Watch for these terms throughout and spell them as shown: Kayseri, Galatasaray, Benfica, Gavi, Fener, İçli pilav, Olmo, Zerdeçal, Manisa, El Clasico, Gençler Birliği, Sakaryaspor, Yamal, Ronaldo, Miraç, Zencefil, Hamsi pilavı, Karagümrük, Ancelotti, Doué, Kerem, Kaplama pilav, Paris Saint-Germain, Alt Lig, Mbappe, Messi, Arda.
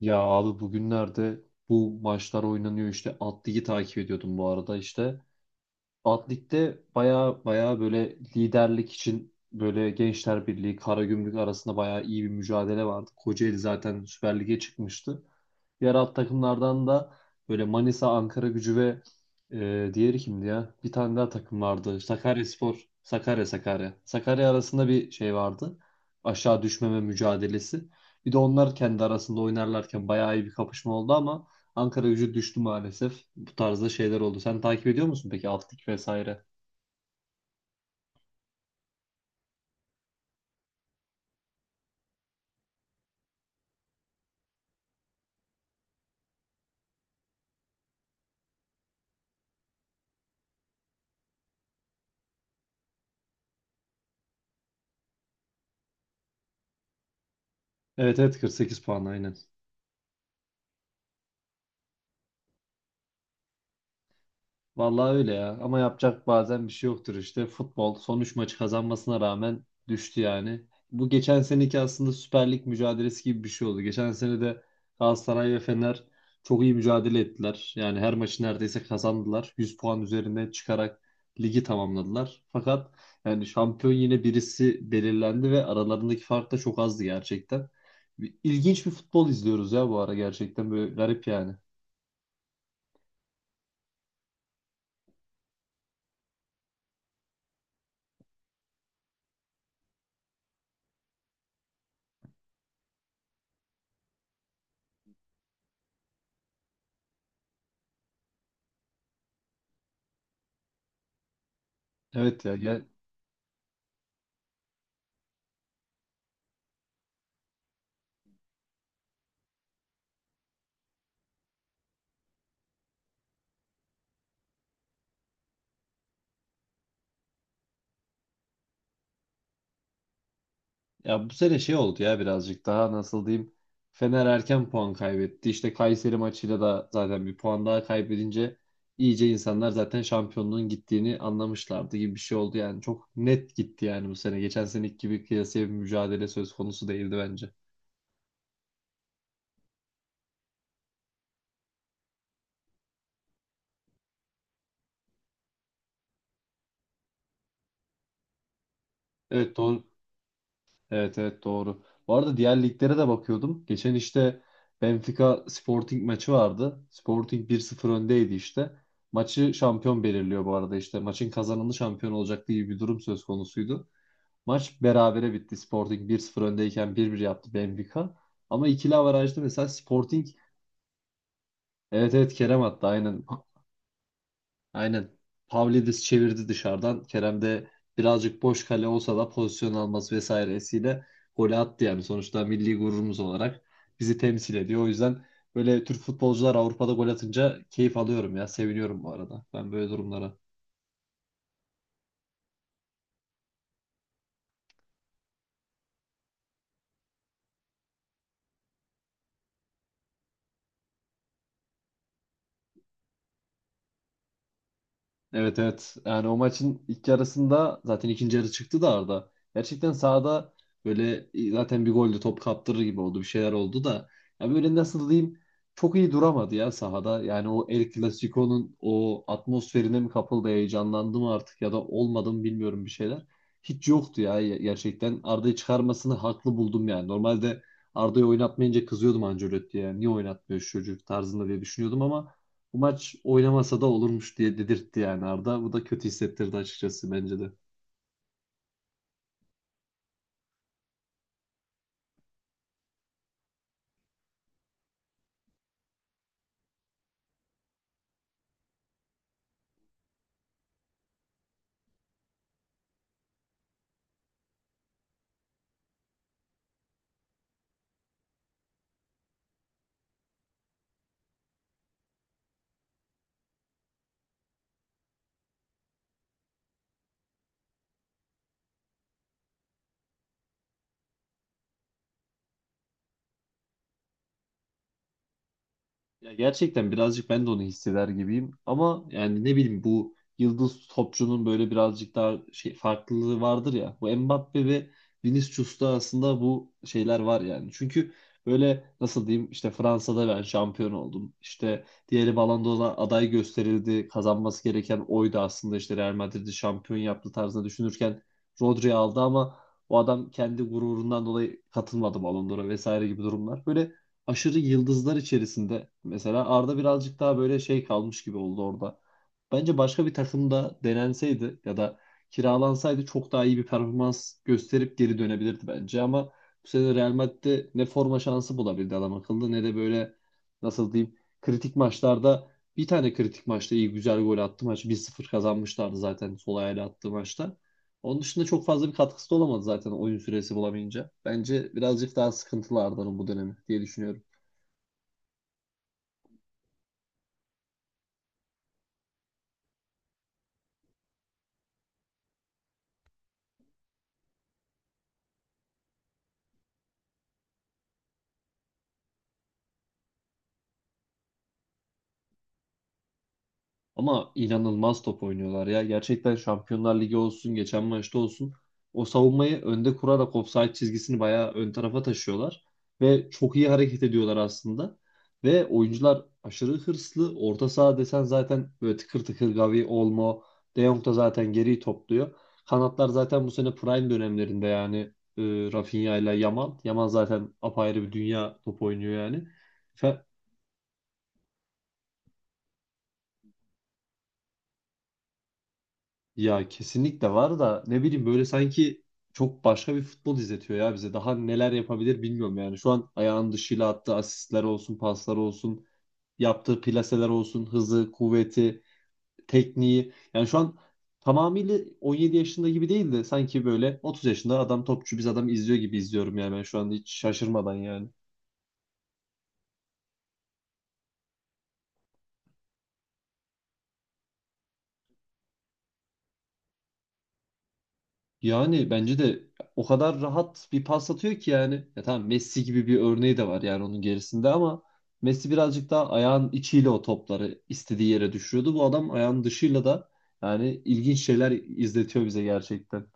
Ya abi bugünlerde bu maçlar oynanıyor işte Alt Lig'i takip ediyordum bu arada işte. Alt Lig'de baya baya böyle liderlik için böyle Gençler Birliği, Karagümrük arasında baya iyi bir mücadele vardı. Kocaeli zaten Süper Lig'e çıkmıştı. Diğer alt takımlardan da böyle Manisa, Ankara Gücü ve diğeri kimdi ya? Bir tane daha takım vardı. Sakaryaspor, Sakarya, Sakarya. Sakarya arasında bir şey vardı. Aşağı düşmeme mücadelesi. Bir de onlar kendi arasında oynarlarken bayağı iyi bir kapışma oldu ama Ankara Gücü düştü maalesef. Bu tarzda şeyler oldu. Sen takip ediyor musun peki alt lig vesaire? Evet evet, 48 puan aynen. Vallahi öyle ya. Ama yapacak bazen bir şey yoktur işte. Futbol son 3 maçı kazanmasına rağmen düştü yani. Bu geçen seneki aslında Süper Lig mücadelesi gibi bir şey oldu. Geçen sene de Galatasaray ve Fener çok iyi mücadele ettiler. Yani her maçı neredeyse kazandılar. 100 puan üzerinde çıkarak ligi tamamladılar. Fakat yani şampiyon yine birisi belirlendi ve aralarındaki fark da çok azdı gerçekten. İlginç bir futbol izliyoruz ya bu ara gerçekten böyle garip yani. Evet ya, ya. Ya bu sene şey oldu ya, birazcık daha nasıl diyeyim. Fener erken puan kaybetti. İşte Kayseri maçıyla da zaten bir puan daha kaybedince iyice insanlar zaten şampiyonluğun gittiğini anlamışlardı gibi bir şey oldu. Yani çok net gitti yani bu sene. Geçen seneki gibi kıyasıya bir mücadele söz konusu değildi bence. Evet doğru. Evet evet doğru. Bu arada diğer liglere de bakıyordum. Geçen işte Benfica Sporting maçı vardı. Sporting bir sıfır öndeydi işte. Maçı şampiyon belirliyor bu arada işte. Maçın kazananı şampiyon olacak diye bir durum söz konusuydu. Maç berabere bitti. Sporting bir sıfır öndeyken 1-1 yaptı Benfica. Ama ikili averajda mesela Sporting evet evet Kerem attı aynen. Aynen. Pavlidis çevirdi dışarıdan. Kerem de birazcık boş kale olsa da pozisyon alması vesairesiyle golü attı yani. Sonuçta milli gururumuz olarak bizi temsil ediyor. O yüzden böyle Türk futbolcular Avrupa'da gol atınca keyif alıyorum ya. Seviniyorum bu arada. Ben böyle durumlara. Evet evet. Yani o maçın ilk yarısında zaten ikinci yarı çıktı da Arda. Gerçekten sahada böyle zaten bir golle top kaptırır gibi oldu. Bir şeyler oldu da. Ya böyle nasıl diyeyim, çok iyi duramadı ya sahada. Yani o El Clasico'nun o atmosferine mi kapıldı, heyecanlandı mı artık ya da olmadı mı bilmiyorum bir şeyler. Hiç yoktu ya gerçekten. Arda'yı çıkarmasını haklı buldum yani. Normalde Arda'yı oynatmayınca kızıyordum Ancelotti'ye. Niye oynatmıyor şu çocuk tarzında diye düşünüyordum ama bu maç oynamasa da olurmuş diye dedirtti yani Arda. Bu da kötü hissettirdi açıkçası bence de. Ya gerçekten birazcık ben de onu hisseder gibiyim. Ama yani ne bileyim bu yıldız topçunun böyle birazcık daha şey farklılığı vardır ya. Bu Mbappe ve Vinicius'ta aslında bu şeyler var yani. Çünkü böyle nasıl diyeyim işte Fransa'da ben şampiyon oldum. İşte diğeri Ballon d'Or'a aday gösterildi. Kazanması gereken oydu aslında, işte Real Madrid'i şampiyon yaptı tarzında düşünürken Rodri aldı ama o adam kendi gururundan dolayı katılmadı Ballon d'Or'a vesaire gibi durumlar. Böyle aşırı yıldızlar içerisinde mesela Arda birazcık daha böyle şey kalmış gibi oldu orada. Bence başka bir takımda denenseydi ya da kiralansaydı çok daha iyi bir performans gösterip geri dönebilirdi bence ama bu sene Real Madrid'de ne forma şansı bulabildi adam akıllı ne de böyle nasıl diyeyim kritik maçlarda, bir tane kritik maçta iyi güzel gol attı, maç 1-0 kazanmışlardı zaten sol ayağıyla attığı maçta. Onun dışında çok fazla bir katkısı da olamadı zaten oyun süresi bulamayınca. Bence birazcık daha sıkıntılı Arda'nın bu dönemi diye düşünüyorum. Ama inanılmaz top oynuyorlar ya. Gerçekten Şampiyonlar Ligi olsun, geçen maçta olsun. O savunmayı önde kurarak ofsayt çizgisini bayağı ön tarafa taşıyorlar. Ve çok iyi hareket ediyorlar aslında. Ve oyuncular aşırı hırslı. Orta saha desen zaten böyle tıkır tıkır Gavi, Olmo, De Jong da zaten geriyi topluyor. Kanatlar zaten bu sene prime dönemlerinde yani e, Rafinha ile Yamal. Yamal zaten apayrı bir dünya top oynuyor yani. Ya kesinlikle var da ne bileyim böyle sanki çok başka bir futbol izletiyor ya bize. Daha neler yapabilir bilmiyorum yani. Şu an ayağın dışıyla attığı asistler olsun, paslar olsun, yaptığı plaseler olsun, hızı, kuvveti, tekniği. Yani şu an tamamıyla 17 yaşında gibi değil de sanki böyle 30 yaşında adam topçu biz adam izliyor gibi izliyorum yani ben şu anda hiç şaşırmadan yani. Yani bence de o kadar rahat bir pas atıyor ki yani. Ya tamam Messi gibi bir örneği de var yani, onun gerisinde ama Messi birazcık daha ayağın içiyle o topları istediği yere düşürüyordu. Bu adam ayağın dışıyla da yani ilginç şeyler izletiyor bize gerçekten.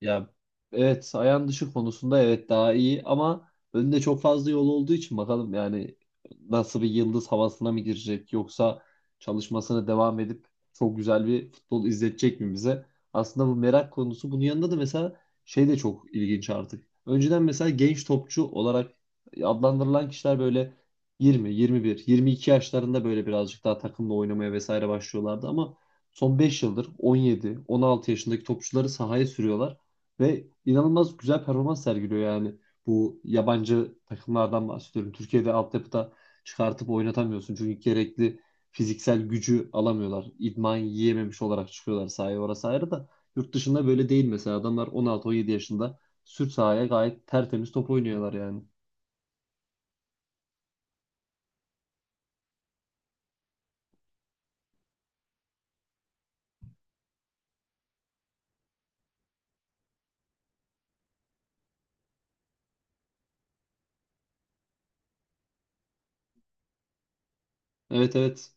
Ya evet, ayağın dışı konusunda evet daha iyi ama önünde çok fazla yol olduğu için bakalım yani nasıl, bir yıldız havasına mı girecek yoksa çalışmasına devam edip çok güzel bir futbol izletecek mi bize? Aslında bu merak konusu, bunun yanında da mesela şey de çok ilginç artık. Önceden mesela genç topçu olarak adlandırılan kişiler böyle 20, 21, 22 yaşlarında böyle birazcık daha takımla oynamaya vesaire başlıyorlardı ama son 5 yıldır 17, 16 yaşındaki topçuları sahaya sürüyorlar. Ve inanılmaz güzel performans sergiliyor yani. Bu yabancı takımlardan bahsediyorum. Türkiye'de altyapıda çıkartıp oynatamıyorsun. Çünkü gerekli fiziksel gücü alamıyorlar. İdman yiyememiş olarak çıkıyorlar sahaya. Orası ayrı da yurt dışında böyle değil mesela. Adamlar 16-17 yaşında sürt sahaya gayet tertemiz top oynuyorlar yani. Evet evet.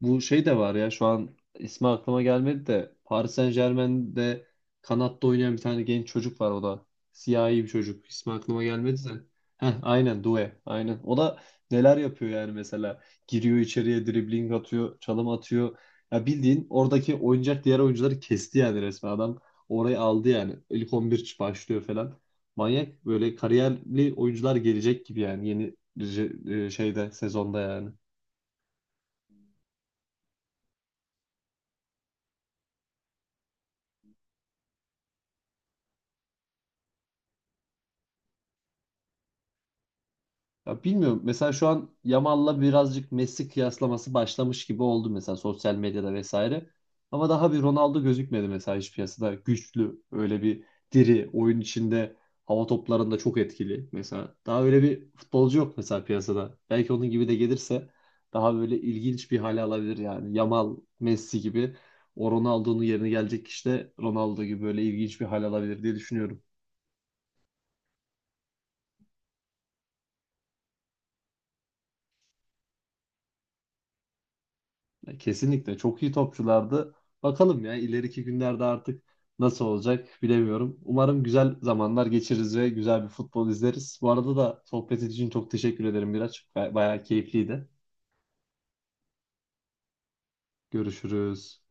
Bu şey de var ya, şu an ismi aklıma gelmedi de Paris Saint-Germain'de kanatta oynayan bir tane genç çocuk var o da. Siyahi bir çocuk. İsmi aklıma gelmedi de. Heh, aynen Doué. Aynen. O da neler yapıyor yani mesela. Giriyor içeriye, dribling atıyor, çalım atıyor. Ya bildiğin oradaki oynayacak diğer oyuncuları kesti yani resmen adam. Orayı aldı yani. İlk 11 başlıyor falan. Manyak böyle kariyerli oyuncular gelecek gibi yani yeni şeyde sezonda yani. Ya bilmiyorum. Mesela şu an Yamal'la birazcık Messi kıyaslaması başlamış gibi oldu mesela sosyal medyada vesaire. Ama daha bir Ronaldo gözükmedi mesela hiç piyasada. Güçlü, öyle bir diri, oyun içinde, hava toplarında çok etkili mesela. Daha öyle bir futbolcu yok mesela piyasada. Belki onun gibi de gelirse daha böyle ilginç bir hale alabilir yani. Yamal, Messi gibi, o Ronaldo'nun yerine gelecek kişi de Ronaldo gibi böyle ilginç bir hale alabilir diye düşünüyorum. Ya kesinlikle çok iyi topçulardı. Bakalım ya ileriki günlerde artık nasıl olacak bilemiyorum. Umarım güzel zamanlar geçiririz ve güzel bir futbol izleriz. Bu arada da sohbet için çok teşekkür ederim Miraç. Bayağı keyifliydi. Görüşürüz.